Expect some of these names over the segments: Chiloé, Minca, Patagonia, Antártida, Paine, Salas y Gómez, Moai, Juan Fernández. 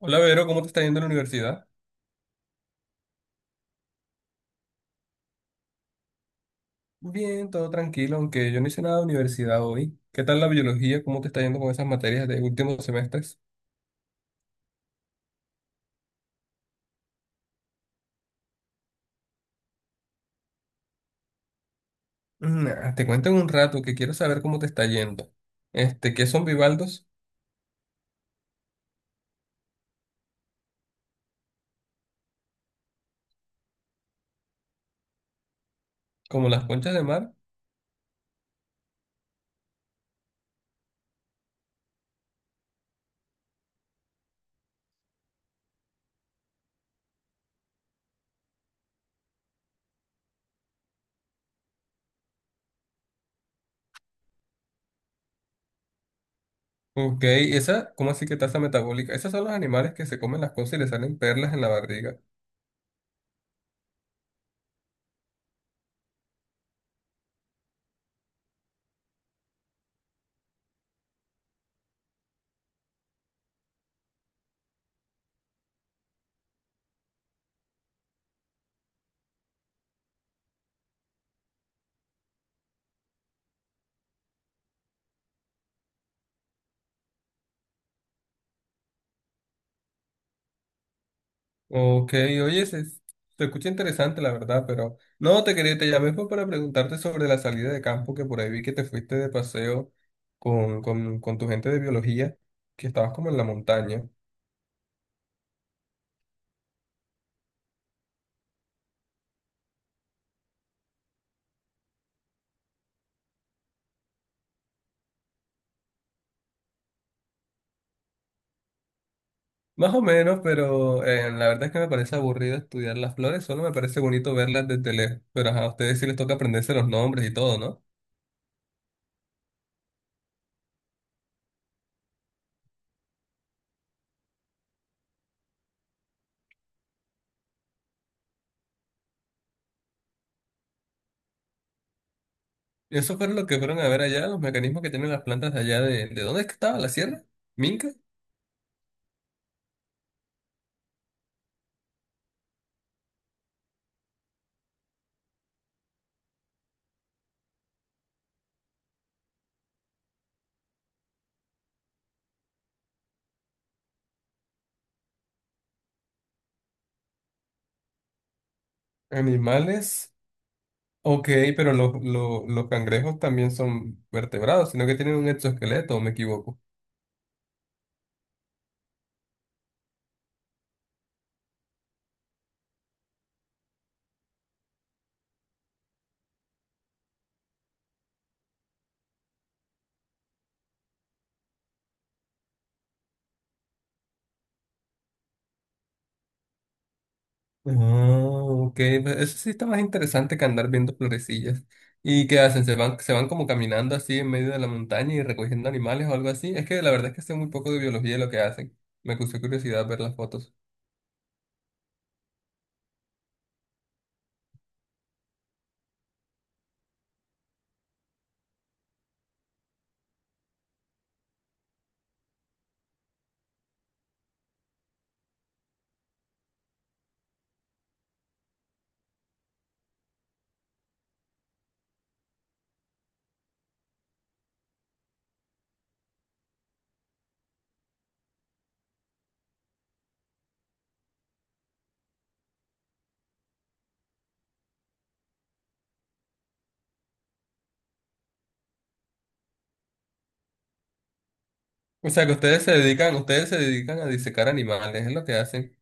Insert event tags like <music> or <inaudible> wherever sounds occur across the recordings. Hola, Vero, ¿cómo te está yendo en la universidad? Bien, todo tranquilo, aunque yo no hice nada de universidad hoy. ¿Qué tal la biología? ¿Cómo te está yendo con esas materias de últimos semestres? Te cuento en un rato que quiero saber cómo te está yendo. Este, ¿qué son bivaldos? ¿Como las conchas de mar? Ok, esa, ¿cómo así que tasa metabólica? Esos son los animales que se comen las cosas y les salen perlas en la barriga. Ok, oye, se escucha interesante la verdad, pero no te quería, te llamé fue para preguntarte sobre la salida de campo, que por ahí vi que te fuiste de paseo con tu gente de biología, que estabas como en la montaña. Más o menos, pero la verdad es que me parece aburrido estudiar las flores, solo me parece bonito verlas desde lejos. Pero ajá, a ustedes sí les toca aprenderse los nombres y todo, ¿no? Y eso fue lo que fueron a ver allá, los mecanismos que tienen las plantas de allá ¿de dónde es que estaba la sierra? ¿Minca? Animales. Ok, pero los cangrejos también son vertebrados, sino que tienen un exoesqueleto, ¿o me equivoco? Oh, ok, pues eso sí está más interesante que andar viendo florecillas. ¿Y qué hacen? ¿Se van como caminando así en medio de la montaña y recogiendo animales o algo así? Es que la verdad es que sé muy poco de biología de lo que hacen. Me causó curiosidad ver las fotos. O sea, que ustedes se dedican a disecar animales, es lo que hacen.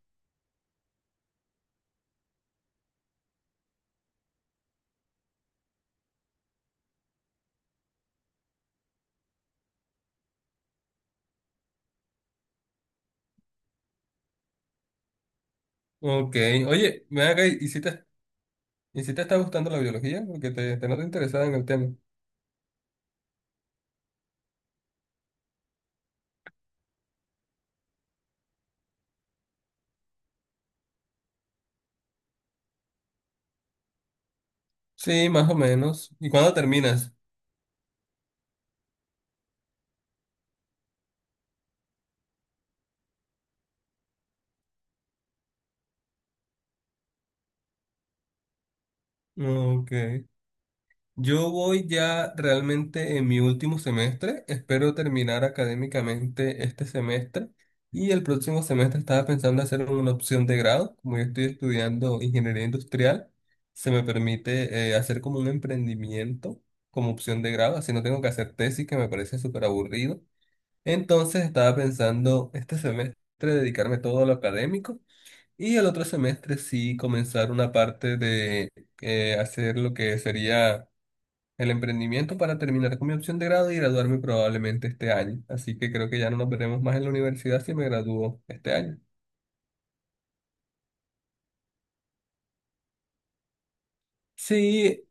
Ok, oye, ven acá y si te está gustando la biología, porque te noto interesada en el tema. Sí, más o menos. ¿Y cuándo terminas? Ok. Yo voy ya realmente en mi último semestre. Espero terminar académicamente este semestre. Y el próximo semestre estaba pensando hacer una opción de grado. Como yo estoy estudiando ingeniería industrial, se me permite hacer como un emprendimiento como opción de grado. Así no tengo que hacer tesis, que me parece súper aburrido. Entonces estaba pensando este semestre dedicarme todo a lo académico. Y el otro semestre sí comenzar una parte de hacer lo que sería el emprendimiento para terminar con mi opción de grado y graduarme probablemente este año. Así que creo que ya no nos veremos más en la universidad si me gradúo este año. Sí,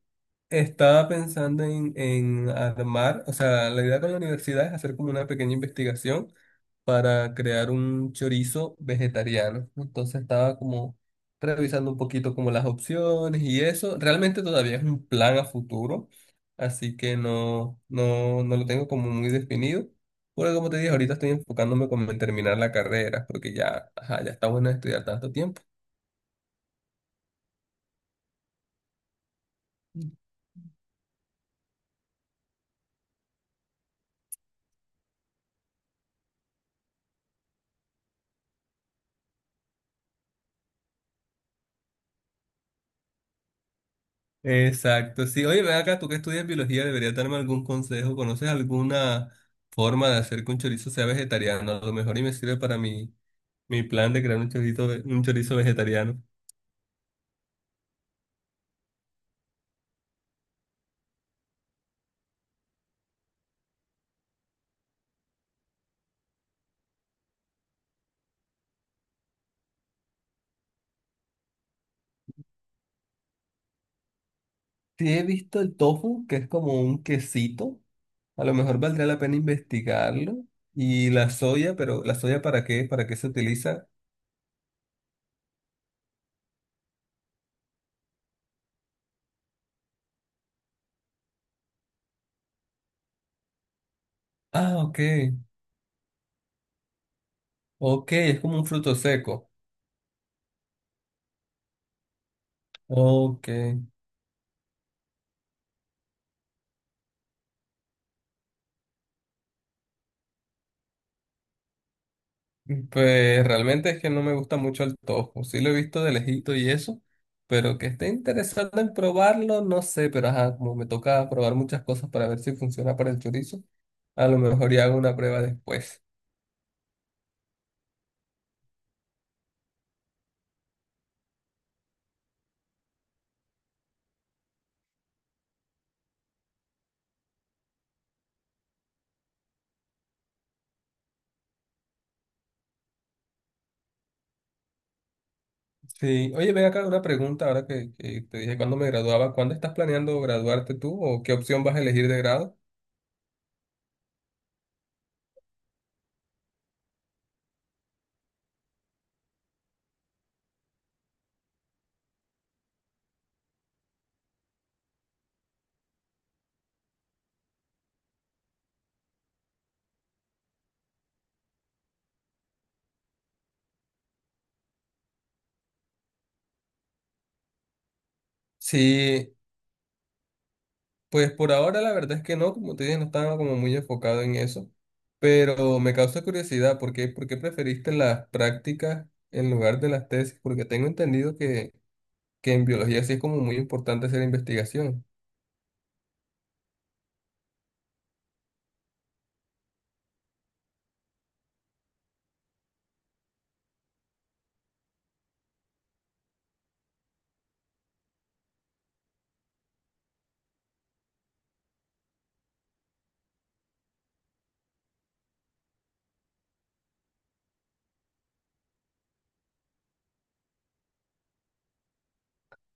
estaba pensando en armar, o sea, la idea con la universidad es hacer como una pequeña investigación para crear un chorizo vegetariano. Entonces estaba como revisando un poquito como las opciones y eso. Realmente todavía es un plan a futuro, así que no lo tengo como muy definido. Porque como te dije, ahorita estoy enfocándome como en terminar la carrera, porque ya, ajá, ya está bueno estudiar tanto tiempo. Exacto, sí. Oye, ven acá, tú que estudias biología, deberías darme algún consejo. ¿Conoces alguna forma de hacer que un chorizo sea vegetariano? A lo mejor y me sirve para mi plan de crear un chorizo, un chorizo vegetariano. Sí, he visto el tofu, que es como un quesito. A lo mejor valdría la pena investigarlo. Y la soya, pero ¿la soya para qué? ¿Para qué se utiliza? Ah, ok. Ok, es como un fruto seco. Ok. Pues realmente es que no me gusta mucho el tofu. Sí lo he visto de lejito y eso, pero que esté interesado en probarlo, no sé, pero ajá, como me toca probar muchas cosas para ver si funciona para el chorizo, a lo mejor ya hago una prueba después. Sí, oye, ven acá una pregunta ahora que te dije cuándo me graduaba, ¿cuándo estás planeando graduarte tú o qué opción vas a elegir de grado? Sí, pues por ahora la verdad es que no, como te dije, no estaba como muy enfocado en eso, pero me causa curiosidad, ¿ por qué preferiste las prácticas en lugar de las tesis? Porque tengo entendido que en biología sí es como muy importante hacer investigación.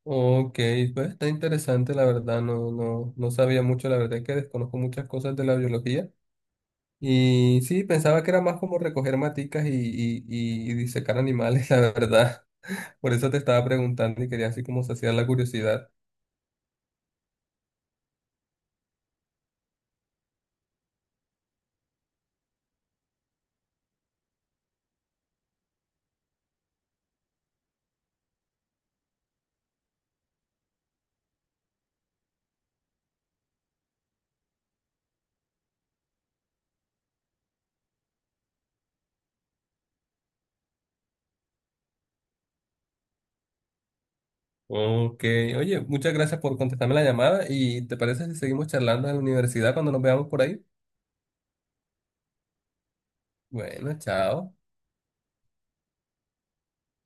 Ok, pues está interesante, la verdad, no sabía mucho, la verdad es que desconozco muchas cosas de la biología y sí, pensaba que era más como recoger maticas y disecar animales, <laughs> la verdad. Por eso te estaba preguntando y quería así como saciar la curiosidad. Ok, oye, muchas gracias por contestarme la llamada y ¿te parece si seguimos charlando en la universidad cuando nos veamos por ahí? Bueno, chao.